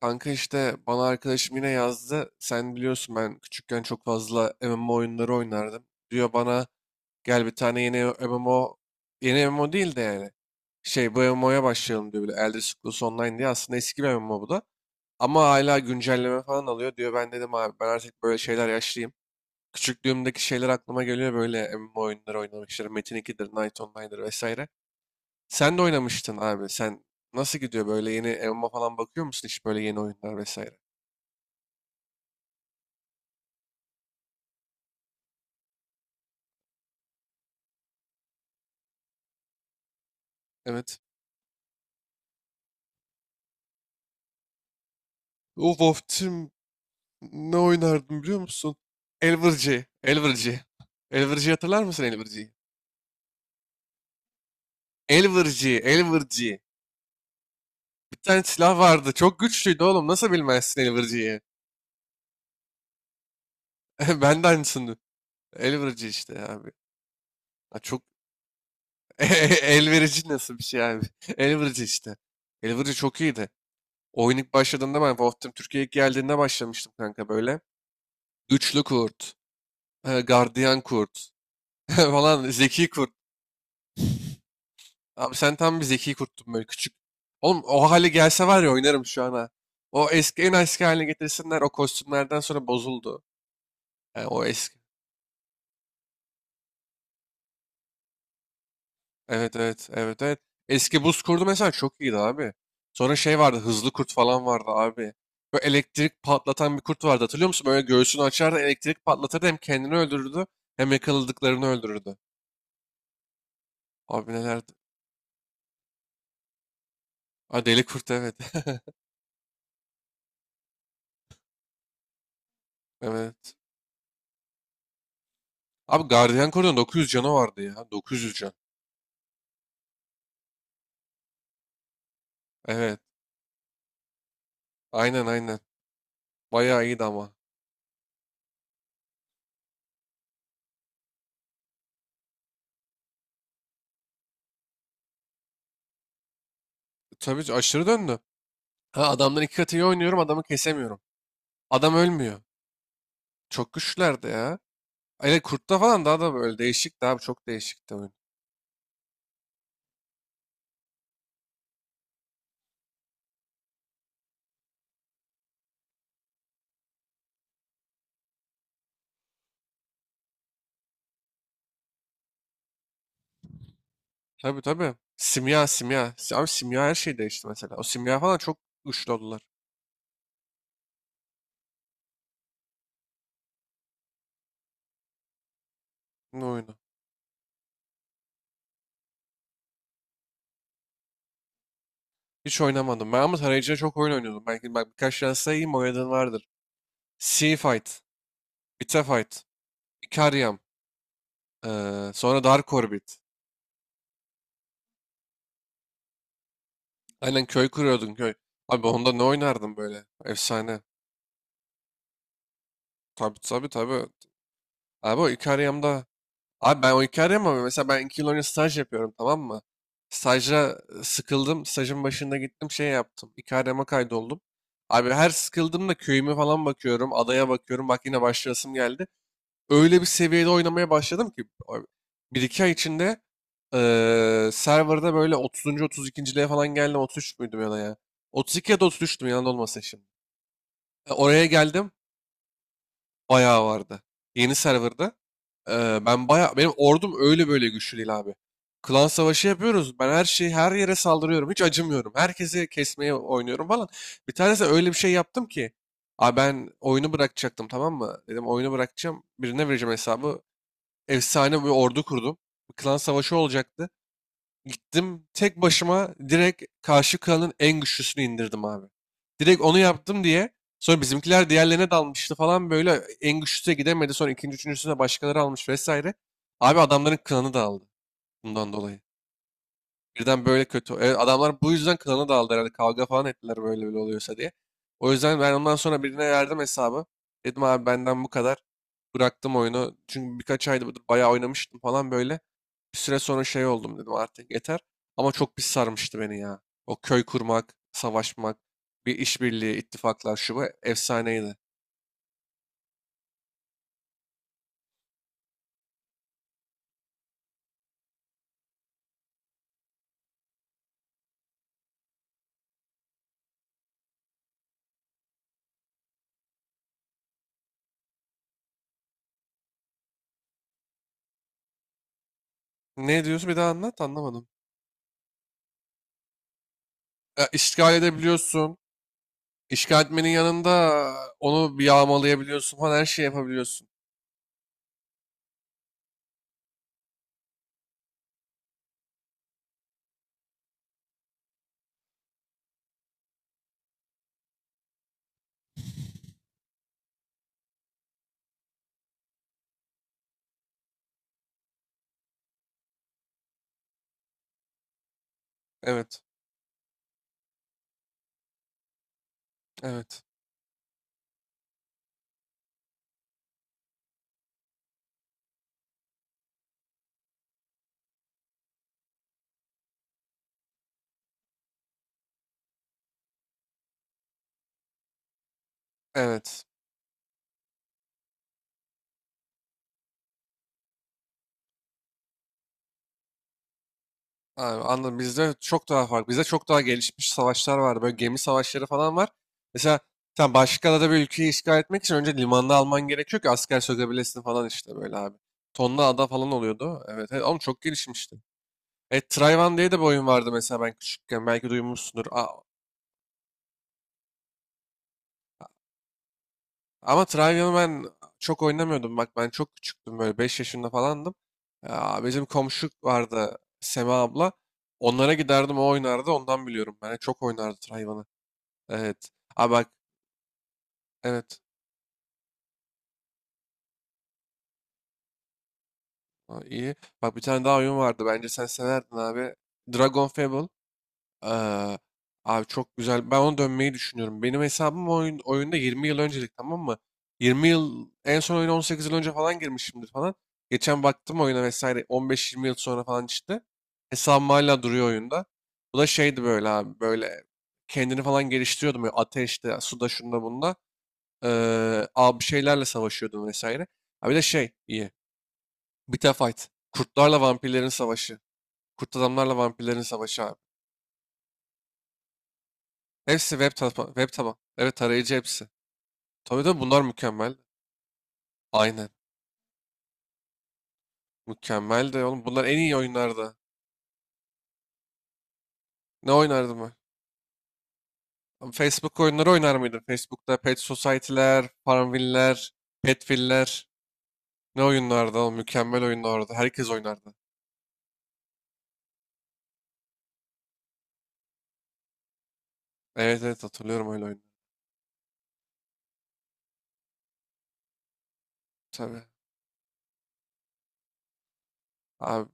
Kanka işte bana arkadaşım yine yazdı. Sen biliyorsun ben küçükken çok fazla MMO oyunları oynardım. Diyor bana gel bir tane yeni MMO, yeni MMO değil de yani. Şey bu MMO'ya başlayalım diyor bile. Elder Scrolls Online diye aslında eski bir MMO bu da. Ama hala güncelleme falan alıyor diyor. Ben dedim abi ben artık böyle şeyler yaşlıyım. Küçüklüğümdeki şeyler aklıma geliyor böyle MMO oyunları oynamışlar. Metin 2'dir, Knight Online'dır vesaire. Sen de oynamıştın abi. Sen nasıl gidiyor böyle yeni MMO falan bakıyor musun hiç böyle yeni oyunlar vesaire? Evet. Of of Tim ne oynardım biliyor musun? Elvırcı, Elvırcı. Elvırcı hatırlar mısın Elvırcı'yı? Elvırcı, Elvırcı. Bir tane silah vardı. Çok güçlüydü oğlum. Nasıl bilmezsin Elvırcı'yı? Ben de aynısını. Elvırcı işte abi. Ha, çok elverici nasıl bir şey abi? Elvırcı işte. Elvırcı çok iyiydi. Oyun ilk başladığında ben Wolf Team Türkiye'ye ilk geldiğinde başlamıştım kanka böyle. Güçlü kurt, gardiyan kurt falan, zeki kurt. Abi sen tam bir zeki kurttun böyle küçük. Oğlum o hale gelse var ya oynarım şu an ha. O eski en eski haline getirsinler o kostümlerden sonra bozuldu. Yani o eski. Evet evet evet evet. Eski buz kurdu mesela çok iyiydi abi. Sonra şey vardı hızlı kurt falan vardı abi. Böyle elektrik patlatan bir kurt vardı hatırlıyor musun? Böyle göğsünü açardı elektrik patlatırdı hem kendini öldürürdü hem yakaladıklarını öldürürdü. Abi nelerdi? Ha, deli kurt evet. Evet. Abi gardiyan kurdun 900 canı vardı ya. 900 can. Evet. Aynen aynen. Bayağı iyiydi ama. Tabii aşırı döndü. Ha adamdan iki katı iyi oynuyorum adamı kesemiyorum. Adam ölmüyor. Çok güçlülerdi ya. Hele kurtta falan daha da böyle değişikti abi çok değişikti oyun. Tabii tabii. Simya simya. Abi simya her şey değişti mesela. O simya falan çok güçlü oldular. Ne oyunu? Hiç oynamadım. Ben ama tarayıcıda çok oyun oynuyordum. Belki bak birkaç tane sayayım oynadığın vardır. Sea Fight, Bita Fight, Ikariam, sonra Dark Orbit. Aynen köy kuruyordun köy. Abi onda ne oynardım böyle? Efsane. Tabii tabii tabii. Abi o Ikariam'da. Abi ben o Ikariam ama mesela ben 2 yıl önce staj yapıyorum tamam mı? Stajda sıkıldım. Stajın başında gittim şey yaptım. Ikariam'a kaydoldum. Abi her sıkıldığımda köyüme falan bakıyorum. Adaya bakıyorum. Bak yine başlayasım geldi. Öyle bir seviyede oynamaya başladım ki. Bir iki ay içinde serverda böyle 30. 32.liğe falan geldim. 33 müydüm ya da ya? 32 ya da 33'tüm yanında olmasın şimdi. Oraya geldim. Bayağı vardı. Yeni serverda. Ben baya benim ordum öyle böyle güçlü değil abi. Klan savaşı yapıyoruz. Ben her şeyi her yere saldırıyorum. Hiç acımıyorum. Herkesi kesmeye oynuyorum falan. Bir tanesi öyle bir şey yaptım ki. Abi ben oyunu bırakacaktım tamam mı? Dedim oyunu bırakacağım. Birine vereceğim hesabı. Efsane bir ordu kurdum. Klan savaşı olacaktı. Gittim tek başıma direkt karşı kralın en güçlüsünü indirdim abi. Direkt onu yaptım diye sonra bizimkiler diğerlerine dalmıştı falan böyle en güçlüsüne gidemedi. Sonra ikinci üçüncüsüne başkaları almış vesaire. Abi adamların klanı dağıldı bundan dolayı. Birden böyle kötü. Evet, adamlar bu yüzden klana daldı herhalde. Kavga falan ettiler böyle böyle oluyorsa diye. O yüzden ben ondan sonra birine verdim hesabı. Dedim abi benden bu kadar. Bıraktım oyunu. Çünkü birkaç ayda bayağı oynamıştım falan böyle. Bir süre sonra şey oldum dedim artık yeter. Ama çok pis sarmıştı beni ya. O köy kurmak, savaşmak, bir işbirliği, ittifaklar şu bu efsaneydi. Ne diyorsun bir daha anlat anlamadım. Ya, işgal edebiliyorsun. İşgal etmenin yanında onu bir yağmalayabiliyorsun falan her şeyi yapabiliyorsun. Evet. Evet. Evet. Abi, anladım. Bizde çok daha farklı. Bizde çok daha gelişmiş savaşlar var. Böyle gemi savaşları falan var. Mesela sen başka da bir ülkeyi işgal etmek için önce limanda alman gerekiyor ki asker sökebilesin falan işte böyle abi. Tonla ada falan oluyordu. Evet. Evet. Ama çok gelişmişti. Trayvan diye de bir oyun vardı mesela ben küçükken. Belki duymuşsundur. Ama Trivial'ı ben çok oynamıyordum. Bak ben çok küçüktüm böyle 5 yaşında falandım. Ya, bizim komşu vardı Sema abla. Onlara giderdim o oynardı ondan biliyorum. Ben çok oynardı Trivial'ı. Evet. Aa bak evet. Aa, iyi. Bak bir tane daha oyun vardı bence sen severdin abi. Dragon Fable. Eee, abi çok güzel. Ben ona dönmeyi düşünüyorum. Benim hesabım oyun, oyunda 20 yıl öncelik tamam mı? 20 yıl en son oyuna 18 yıl önce falan girmişimdir falan. Geçen baktım oyuna vesaire 15-20 yıl sonra falan çıktı. Hesabım hala duruyor oyunda. Bu da şeydi böyle abi böyle kendini falan geliştiriyordum. Böyle ateşte, suda, şunda, bunda. Abi bir şeylerle savaşıyordum vesaire. Ha bir de şey iyi. Bita Fight. Kurtlarla vampirlerin savaşı. Kurt adamlarla vampirlerin savaşı abi. Hepsi web tapa, web taba. Evet tarayıcı hepsi. Tabii tabii bunlar mükemmel. Aynen. Mükemmel de oğlum bunlar en iyi oyunlardı. Ne oynardım ben? Abi Facebook oyunları oynar mıydım? Facebook'ta Pet Society'ler, Farmville'ler, Petville'ler. Ne oyunlardı oğlum? Mükemmel oyunlardı. Herkes oynardı. Evet evet hatırlıyorum öyle oyunları. Tabii. Abi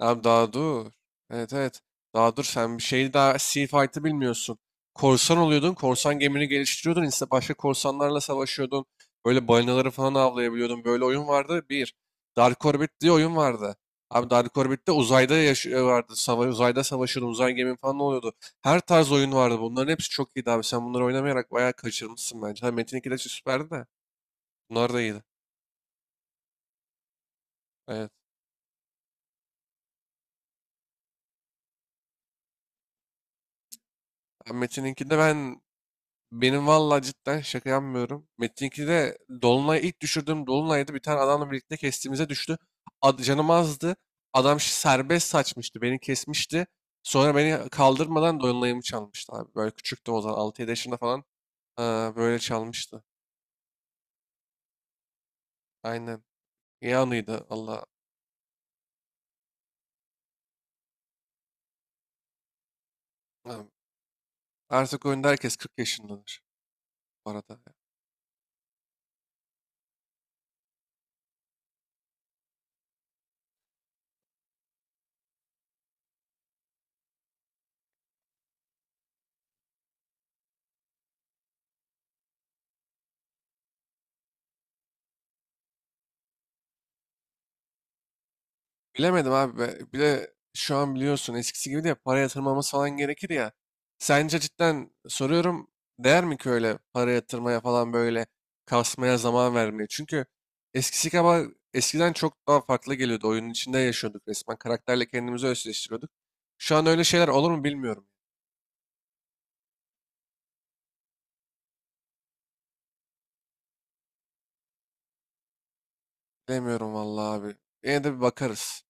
Abi daha dur. Evet evet. Daha dur sen bir şeyi daha Sea Fight'ı bilmiyorsun. Korsan oluyordun. Korsan gemini geliştiriyordun. İşte başka korsanlarla savaşıyordun. Böyle balinaları falan avlayabiliyordun. Böyle oyun vardı. Bir. Dark Orbit diye oyun vardı. Abi Dark Orbit'te uzayda yaş vardı. Uzayda savaşıyordun. Uzay gemin falan oluyordu. Her tarz oyun vardı. Bunların hepsi çok iyiydi abi. Sen bunları oynamayarak bayağı kaçırmışsın bence. Ha, Metin 2 de süperdi de. Bunlar da iyiydi. Evet. Ha, Metin 2'de benim valla cidden şaka yapmıyorum. Metin'inki de Dolunay ilk düşürdüğüm Dolunay'da bir tane adamla birlikte kestiğimize düştü. Canım azdı. Adam serbest saçmıştı. Beni kesmişti. Sonra beni kaldırmadan Dolunay'ımı çalmıştı abi. Böyle küçüktüm o zaman. 6-7 yaşında falan. Aa, böyle çalmıştı. Aynen. İyi anıydı Allah. Artık oyunda herkes 40 yaşındadır bu arada. Bilemedim abi. Bir de şu an biliyorsun eskisi gibi de para yatırmamız falan gerekir ya. Sence cidden soruyorum değer mi ki öyle para yatırmaya falan böyle kasmaya zaman vermeye? Çünkü eskisi kadar eskiden çok daha farklı geliyordu. Oyunun içinde yaşıyorduk resmen. Karakterle kendimizi özleştiriyorduk. Şu an öyle şeyler olur mu bilmiyorum. Demiyorum vallahi abi. Yine de bir bakarız.